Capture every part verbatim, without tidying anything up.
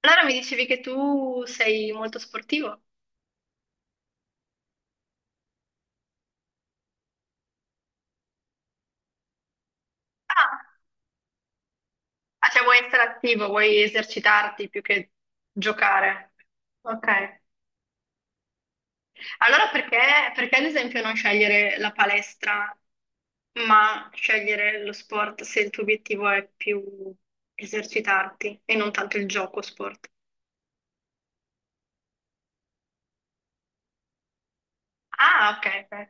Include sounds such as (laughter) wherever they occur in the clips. Allora mi dicevi che tu sei molto sportivo? Ah, ah, cioè vuoi essere attivo, vuoi esercitarti più che giocare. Ok. Allora perché, perché ad esempio non scegliere la palestra, ma scegliere lo sport se il tuo obiettivo è più esercitarti e non tanto il gioco sport? Ah, ok. Ok.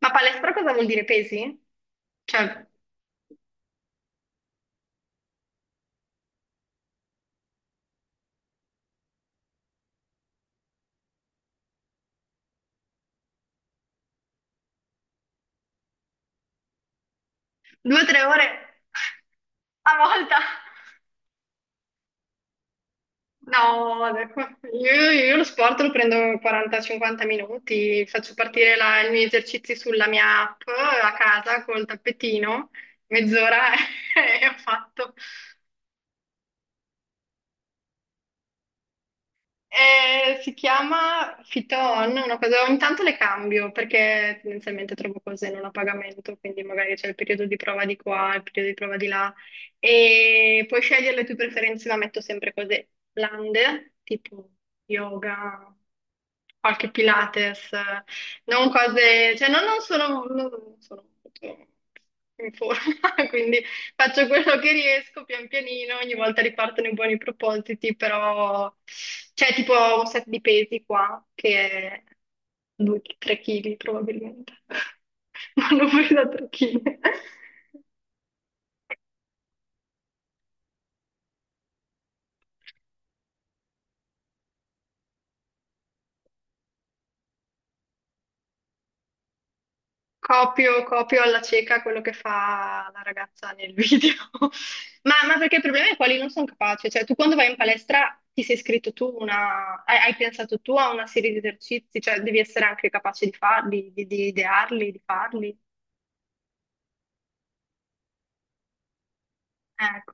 Ma palestra cosa vuol dire pesi? Cioè, due o tre ore (laughs) a volta? No, ecco, io, io lo sport lo prendo quaranta cinquanta minuti, faccio partire la- i miei esercizi sulla mia app a casa col tappetino, mezz'ora (laughs) e ho fatto. Eh, si chiama Fiton, una cosa, ogni tanto le cambio perché tendenzialmente trovo cose non a pagamento, quindi magari c'è il periodo di prova di qua, il periodo di prova di là e puoi scegliere le tue preferenze, ma metto sempre cose blande, tipo yoga, qualche Pilates, eh, non cose, cioè no, non sono, non sono molto in forma, (laughs) quindi faccio quello che riesco pian pianino, ogni volta ripartono i buoni propositi, però c'è tipo un set di pesi qua che è due tre kg probabilmente, (laughs) vanno fuori da tre chili. Copio, copio alla cieca quello che fa la ragazza nel video. (laughs) Ma, ma perché il problema è quali non sono capace, cioè tu quando vai in palestra ti sei iscritto tu una, hai, hai pensato tu a una serie di esercizi, cioè devi essere anche capace di farli, di, di idearli, di farli. Ecco.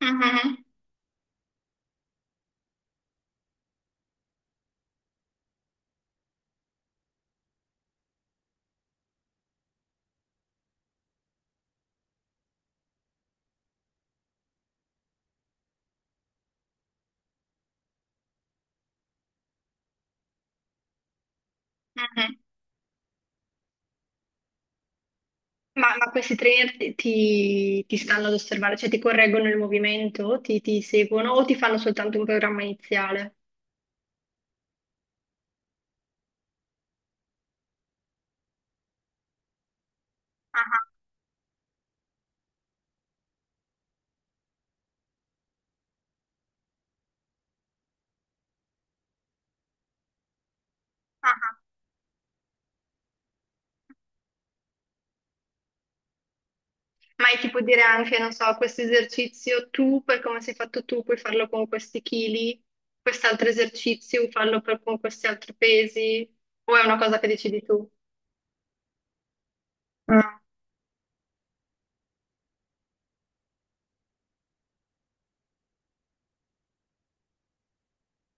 Mhm, mhm. Ma, ma questi trainer ti, ti- ti stanno ad osservare, cioè ti correggono il movimento, ti, ti seguono o ti fanno soltanto un programma iniziale? Ah, ah, ah. Ma è tipo dire anche, non so, questo esercizio tu, per come sei fatto tu, puoi farlo con questi chili, quest'altro esercizio, farlo per- con questi altri pesi, o è una cosa che decidi tu? Ah.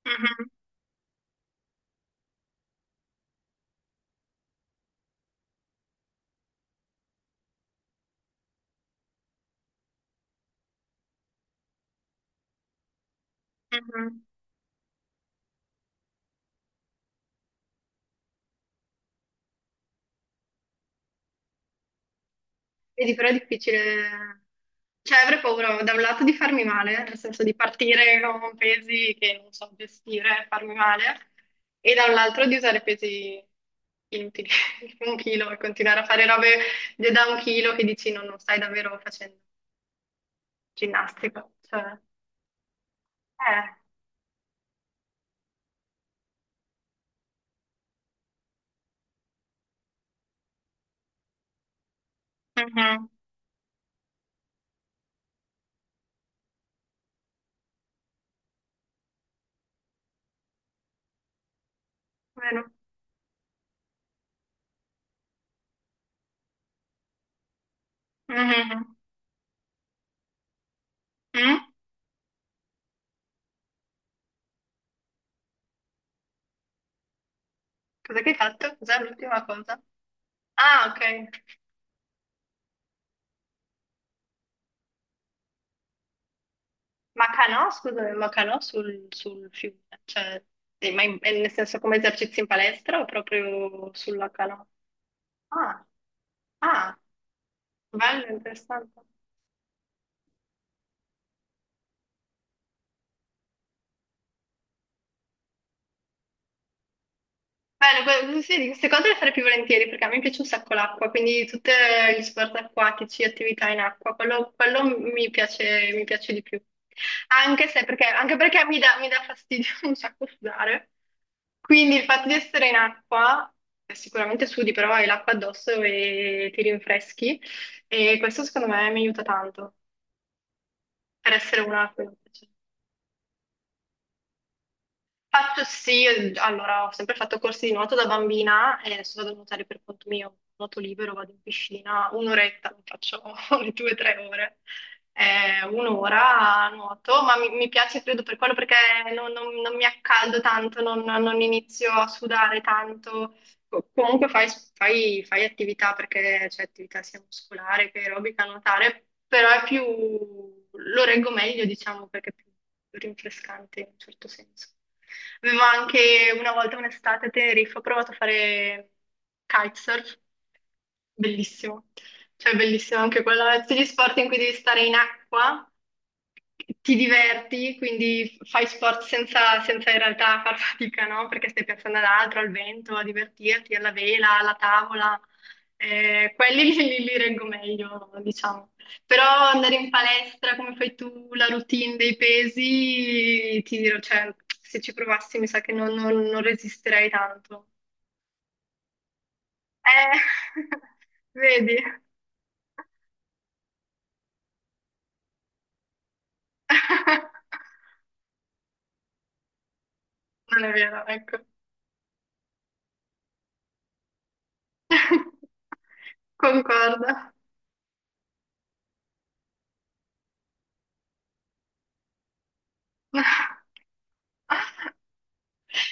Mhm, mhm. Vedi, però è difficile. Cioè, avrei paura da un lato di farmi male, nel senso di partire con pesi che non so gestire, e farmi male, e dall'altro di usare pesi inutili, (laughs) tipo un chilo, e continuare a fare robe di- da un chilo che dici no, non stai davvero facendo ginnastica. Cioè, eh, mhm, vero. Mhm. Mm? Cosa che hai fatto? Cos'è l'ultima cosa? Ah, ok. Ma canò, scusami, ma canò sul, sul fiume, cioè, eh, ma in- eh, nel senso come esercizi in palestra o proprio sulla canò? Ah, ah, bello, interessante. Bello, que- sì, sì, di queste cose le farei più volentieri perché a me piace un sacco l'acqua, quindi tutti gli sport acquatici, attività in acqua, quello, quello mi piace, mi piace di più. Anche se perché, anche perché mi dà, mi dà fastidio (laughs) un sacco sudare. Quindi il fatto di essere in acqua, eh, sicuramente sudi, però hai l'acqua addosso e ti rinfreschi e questo secondo me mi aiuta tanto per essere una acqua. Faccio sì, eh, allora ho sempre fatto corsi di nuoto da bambina e adesso vado a nuotare per conto mio, nuoto libero, vado in piscina un'oretta, non faccio (laughs) le due o tre ore. Eh, un'ora a nuoto, ma mi, mi piace credo per quello perché non, non- non mi accaldo tanto, non, non inizio a sudare tanto. Co- Comunque fai, fai- fai attività perché c'è attività sia muscolare che aerobica, nuotare, però è più, lo reggo meglio, diciamo, perché è più rinfrescante in un certo senso. Avevo anche una volta un'estate a Tenerife, ho provato a fare kitesurf, bellissimo. Cioè, è bellissimo anche quello, tutti gli sport in cui devi stare in acqua, ti diverti, quindi fai sport senza, senza in realtà far fatica, no? Perché stai pensando ad altro, al vento, a divertirti, alla vela, alla tavola. Eh, quelli (laughs) li, li- li reggo meglio, diciamo. Però andare in palestra, come fai tu, la routine dei pesi, ti dirò, cioè, se ci provassi mi sa che non, non- non resisterei tanto. Eh, (laughs) vedi? (laughs) Non è vero, ecco. (laughs) Concordo.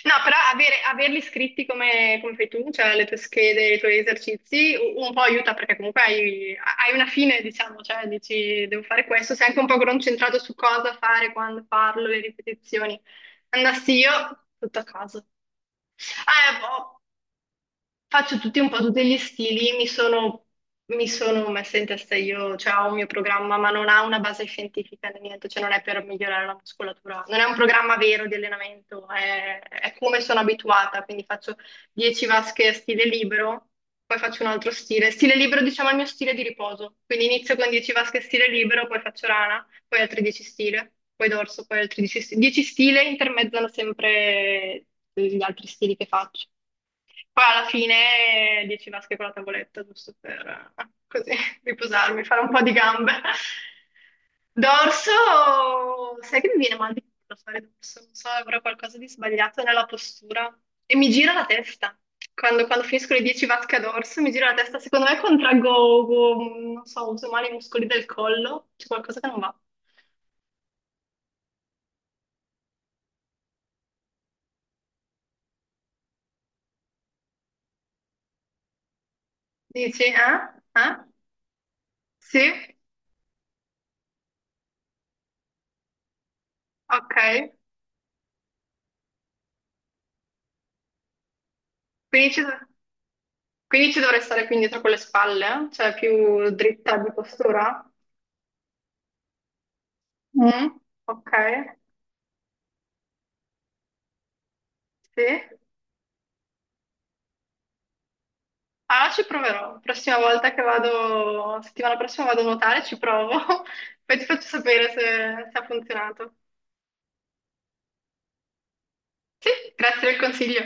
No, però avere- averli scritti come, come fai tu, cioè le tue schede, i tuoi esercizi, u- un po' aiuta perché comunque hai, hai una fine, diciamo, cioè dici devo fare questo, sei anche un po' concentrato su cosa fare, quando farlo, le ripetizioni. Andassi io, tutto a caso. Eh, boh, faccio tutti un po' tutti gli stili, mi sono, mi sono messa in testa io, cioè ho un mio programma, ma non ha una base scientifica né niente, cioè non è per migliorare la muscolatura, non è un programma vero di allenamento, è, è come sono abituata, quindi faccio dieci vasche a stile libero, poi faccio un altro stile. Stile libero, diciamo, è il mio stile di riposo, quindi inizio con dieci vasche a stile libero, poi faccio rana, poi altri dieci stile, poi dorso, poi altri dieci stile, dieci stile intermezzano sempre gli altri stili che faccio. Poi alla fine dieci vasche con la tavoletta, giusto per eh, così (laughs) riposarmi, fare un po' di gambe. Dorso, sai che mi viene mal di culo fare dorso, non so, avrò qualcosa di sbagliato nella postura e mi gira la testa. Quando, quando finisco le dieci vasche a dorso mi gira la testa, secondo me contraggo, um, non so, uso male i muscoli del collo, c'è qualcosa che non va. Dici, eh? Eh? Sì? Ok. Quindi ci sono. Quindi ci dovrei stare più indietro con le spalle, cioè più dritta di postura? Mm, ok, sì. Ah, ci proverò. Prossima volta che vado, settimana prossima vado a nuotare, ci provo. (laughs) Poi ti faccio sapere se se ha funzionato. Sì, grazie del consiglio.